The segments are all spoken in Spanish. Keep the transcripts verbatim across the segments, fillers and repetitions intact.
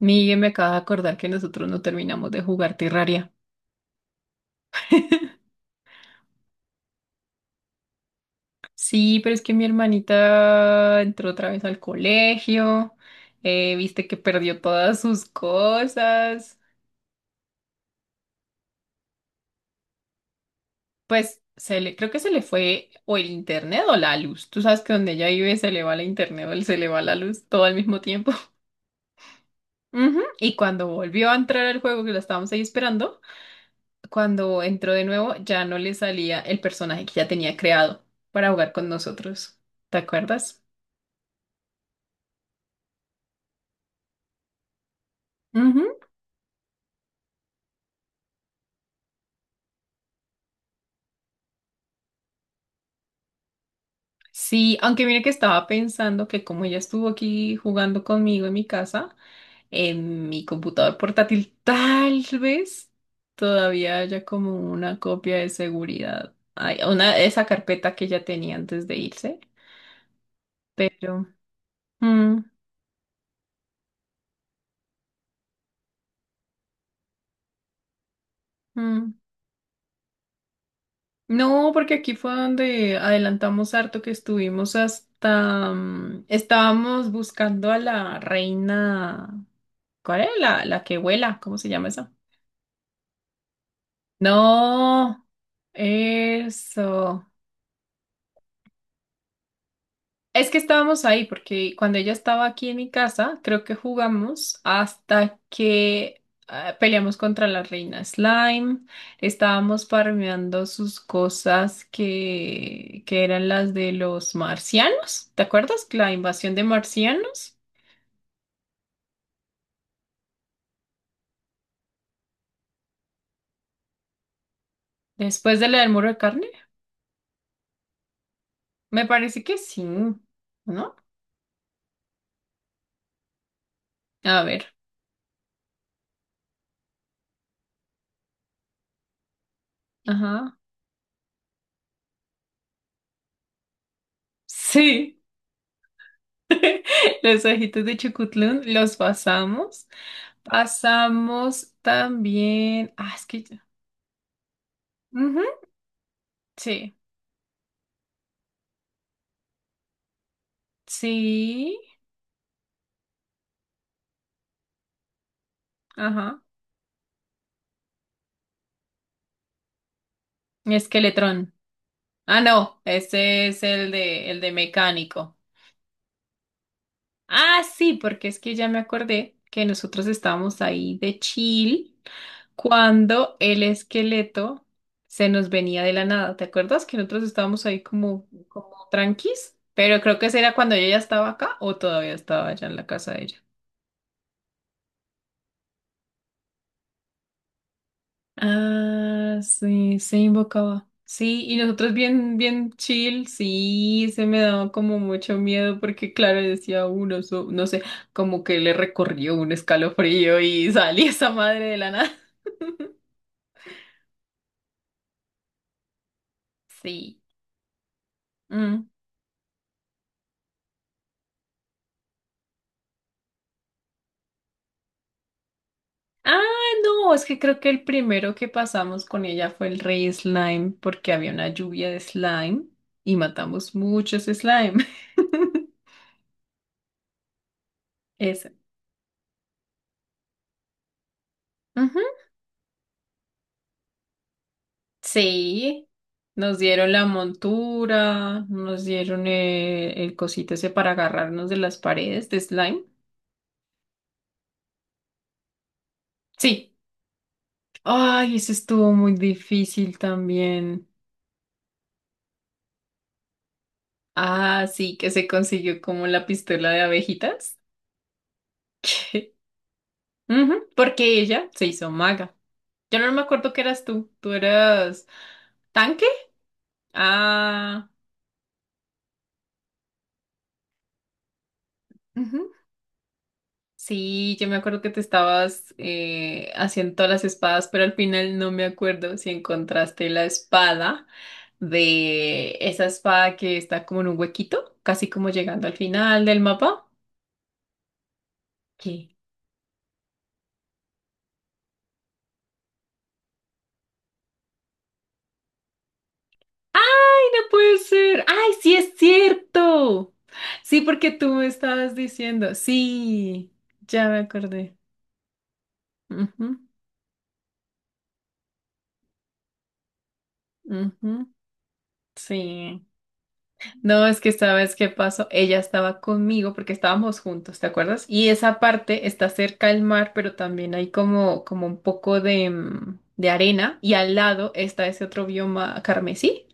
Miguel, me acaba de acordar que nosotros no terminamos de jugar Terraria. Sí, pero es que mi hermanita entró otra vez al colegio, eh, viste que perdió todas sus cosas. Pues se le, creo que se le fue o el internet o la luz. Tú sabes que donde ella vive se le va la internet o se le va la luz todo al mismo tiempo. Ujú. Y cuando volvió a entrar al juego, que la estábamos ahí esperando, cuando entró de nuevo ya no le salía el personaje que ya tenía creado para jugar con nosotros. ¿Te acuerdas? Ujú. Sí, aunque mire que estaba pensando que como ella estuvo aquí jugando conmigo en mi casa, en mi computador portátil, tal vez todavía haya como una copia de seguridad. Ay, una, esa carpeta que ella tenía antes de irse. Pero, mm, mm. No, porque aquí fue donde adelantamos harto que estuvimos hasta, mm, estábamos buscando a la reina, ¿cuál es? La, la que vuela, ¿cómo se llama esa? No. Eso. Es que estábamos ahí porque cuando ella estaba aquí en mi casa, creo que jugamos hasta que ah, peleamos contra la reina Slime. Estábamos farmeando sus cosas que, que eran las de los marcianos. ¿Te acuerdas? La invasión de marcianos después de la del muro de carne. Me parece que sí, ¿no? A ver. Ajá. Sí. Los ojitos de Chucutlún los pasamos. Pasamos también. Ah, es que. Ujú. Sí, sí. Ajá. Esqueletrón. Ah, no. Este es el de, el de mecánico. Ah, sí, porque es que ya me acordé que nosotros estábamos ahí de chill cuando el esqueleto se nos venía de la nada. ¿Te acuerdas que nosotros estábamos ahí como, como tranquis? Pero creo que ese era cuando yo ya estaba acá o todavía estaba allá en la casa de ella. Ah, sí, se invocaba. Sí, y nosotros bien, bien chill, sí, se me daba como mucho miedo porque claro, decía uno, so- no sé, como que le recorrió un escalofrío y salí esa madre de la nada. Sí. Mm. Ah, no, es que creo que el primero que pasamos con ella fue el rey slime porque había una lluvia de slime y matamos muchos slime. Eso. Ujú. Sí, nos dieron la montura, nos dieron eh, el, cosito ese para agarrarnos de las paredes de slime. Sí. Ay, ese estuvo muy difícil también. Ah, sí, que se consiguió como la pistola de abejitas. Ujú. Porque ella se hizo maga. Yo no me acuerdo qué eras tú. ¿Tú eras tanque? Ah, ujú. Sí, yo me acuerdo que te estabas eh, haciendo todas las espadas, pero al final no me acuerdo si encontraste la espada de esa espada que está como en un huequito, casi como llegando al final del mapa. ¿Qué? ¡Ay, no puede ser! ¡Ay, sí es cierto! Sí, porque tú me estabas diciendo. Sí, ya me acordé. Ujú, ujú, sí. No, es que sabes qué pasó. Ella estaba conmigo porque estábamos juntos, ¿te acuerdas? Y esa parte está cerca del mar, pero también hay como, como un poco de, mm, de arena y al lado está ese otro bioma carmesí.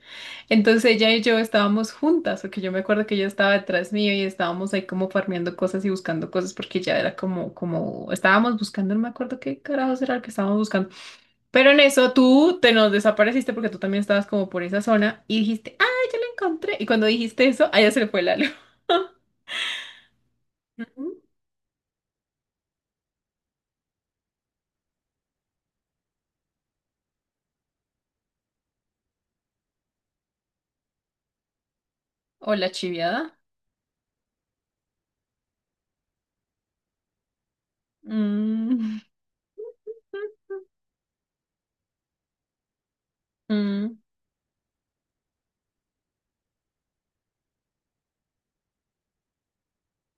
Entonces ella y yo estábamos juntas, porque yo me acuerdo que ella estaba detrás mío y estábamos ahí como farmeando cosas y buscando cosas porque ya era como, como, estábamos buscando, no me acuerdo qué carajos era lo que estábamos buscando. Pero en eso tú te nos desapareciste porque tú también estabas como por esa zona y dijiste, ¡ay, ya la encontré! Y cuando dijiste eso, a ella se le fue la luz. Ujú. O la chiviada. Mm, mm.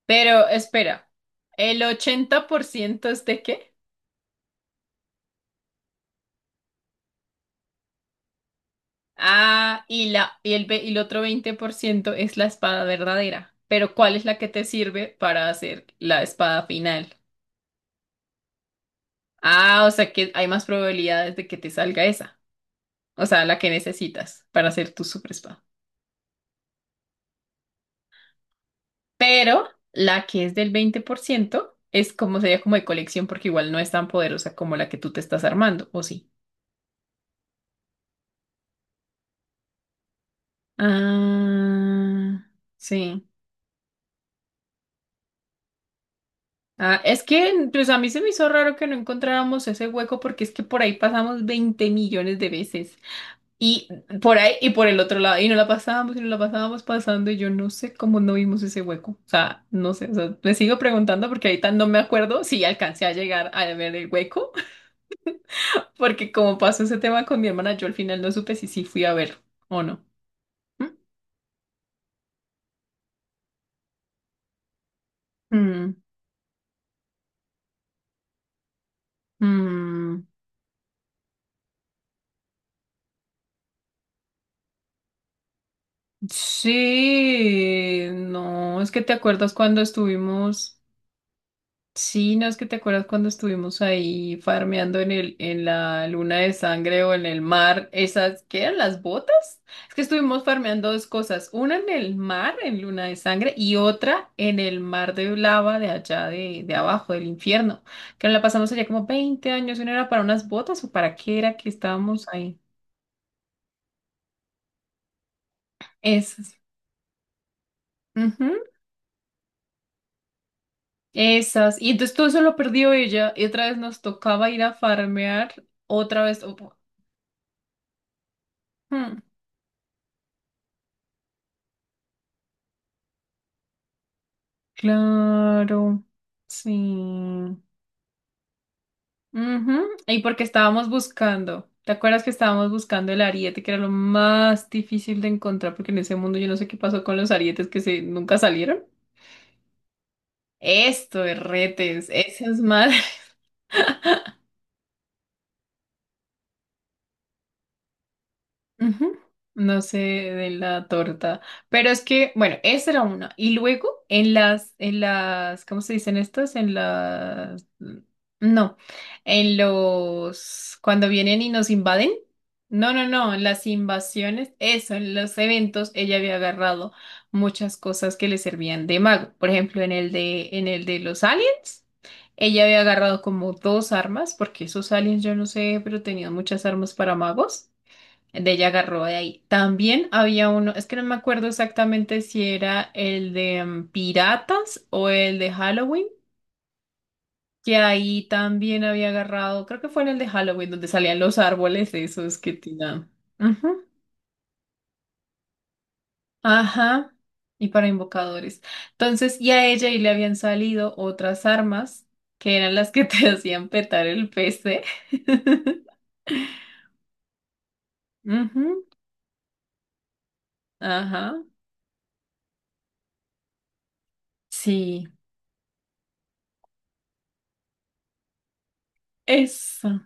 Pero espera, ¿el ochenta por ciento es de qué? Ah, y, la, y, el, ve- Y el otro veinte por ciento es la espada verdadera. Pero ¿cuál es la que te sirve para hacer la espada final? Ah, o sea que hay más probabilidades de que te salga esa. O sea, la que necesitas para hacer tu super. Pero la que es del veinte por ciento es como sería como de colección porque igual no es tan poderosa como la que tú te estás armando, ¿o sí? Ah, sí. Ah, es que pues a mí se me hizo raro que no encontráramos ese hueco porque es que por ahí pasamos veinte millones de veces. Y por ahí y por el otro lado. Y no la pasábamos y no la pasábamos pasando. Y yo no sé cómo no vimos ese hueco. O sea, no sé. O sea, le sigo preguntando porque ahorita no me acuerdo si alcancé a llegar a ver el hueco porque como pasó ese tema con mi hermana, yo al final no supe si sí fui a ver o no. Mm, mm, mm. Sí, no, es que te acuerdas cuando estuvimos. Sí, no es que te acuerdas cuando estuvimos ahí farmeando en el, en la luna de sangre o en el mar, esas, ¿qué eran las botas? Es que estuvimos farmeando dos cosas, una en el mar, en luna de sangre, y otra en el mar de lava de allá de, de abajo, del infierno, que nos la pasamos allá como veinte años, y ¿no era para unas botas o para qué era que estábamos ahí? Esas. Ujú. Esas. Y entonces todo eso lo perdió ella, y otra vez nos tocaba ir a farmear, otra vez. o- hmm, Claro, sí. Ujú. Y porque estábamos buscando, ¿te acuerdas que estábamos buscando el ariete, que era lo más difícil de encontrar? Porque en ese mundo yo no sé qué pasó con los arietes que se nunca salieron. Esto, retes, esas madres. Ujú. No sé de la torta, pero es que, bueno, esa era una. Y luego en las, en las, ¿cómo se dicen estas? En las, no, en los, cuando vienen y nos invaden. No, no, no, en las invasiones, eso, en los eventos, ella había agarrado muchas cosas que le servían de mago. Por ejemplo, en el de, en el de los aliens. Ella había agarrado como dos armas, porque esos aliens, yo no sé, pero tenían muchas armas para magos. De ella agarró de ahí. También había uno, es que no me acuerdo exactamente si era el de mm, Piratas o el de Halloween, que ahí también había agarrado, creo que fue en el de Halloween, donde salían los árboles esos que tiran. Ujú. Ajá. Y para invocadores. Entonces, y a ella y le habían salido otras armas que eran las que te hacían petar el P C. Ujú. Ajá. Sí. Eso.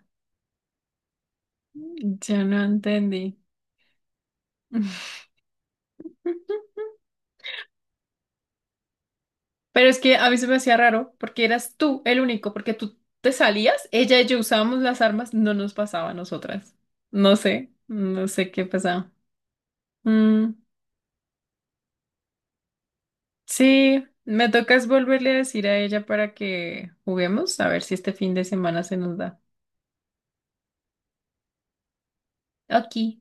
Yo no entendí. Pero es que a mí se me hacía raro porque eras tú el único, porque tú te salías, ella y yo usábamos las armas, no nos pasaba a nosotras. No sé, no sé qué pasaba. Mm, sí, me tocas volverle a decir a ella para que juguemos, a ver si este fin de semana se nos da. Ok.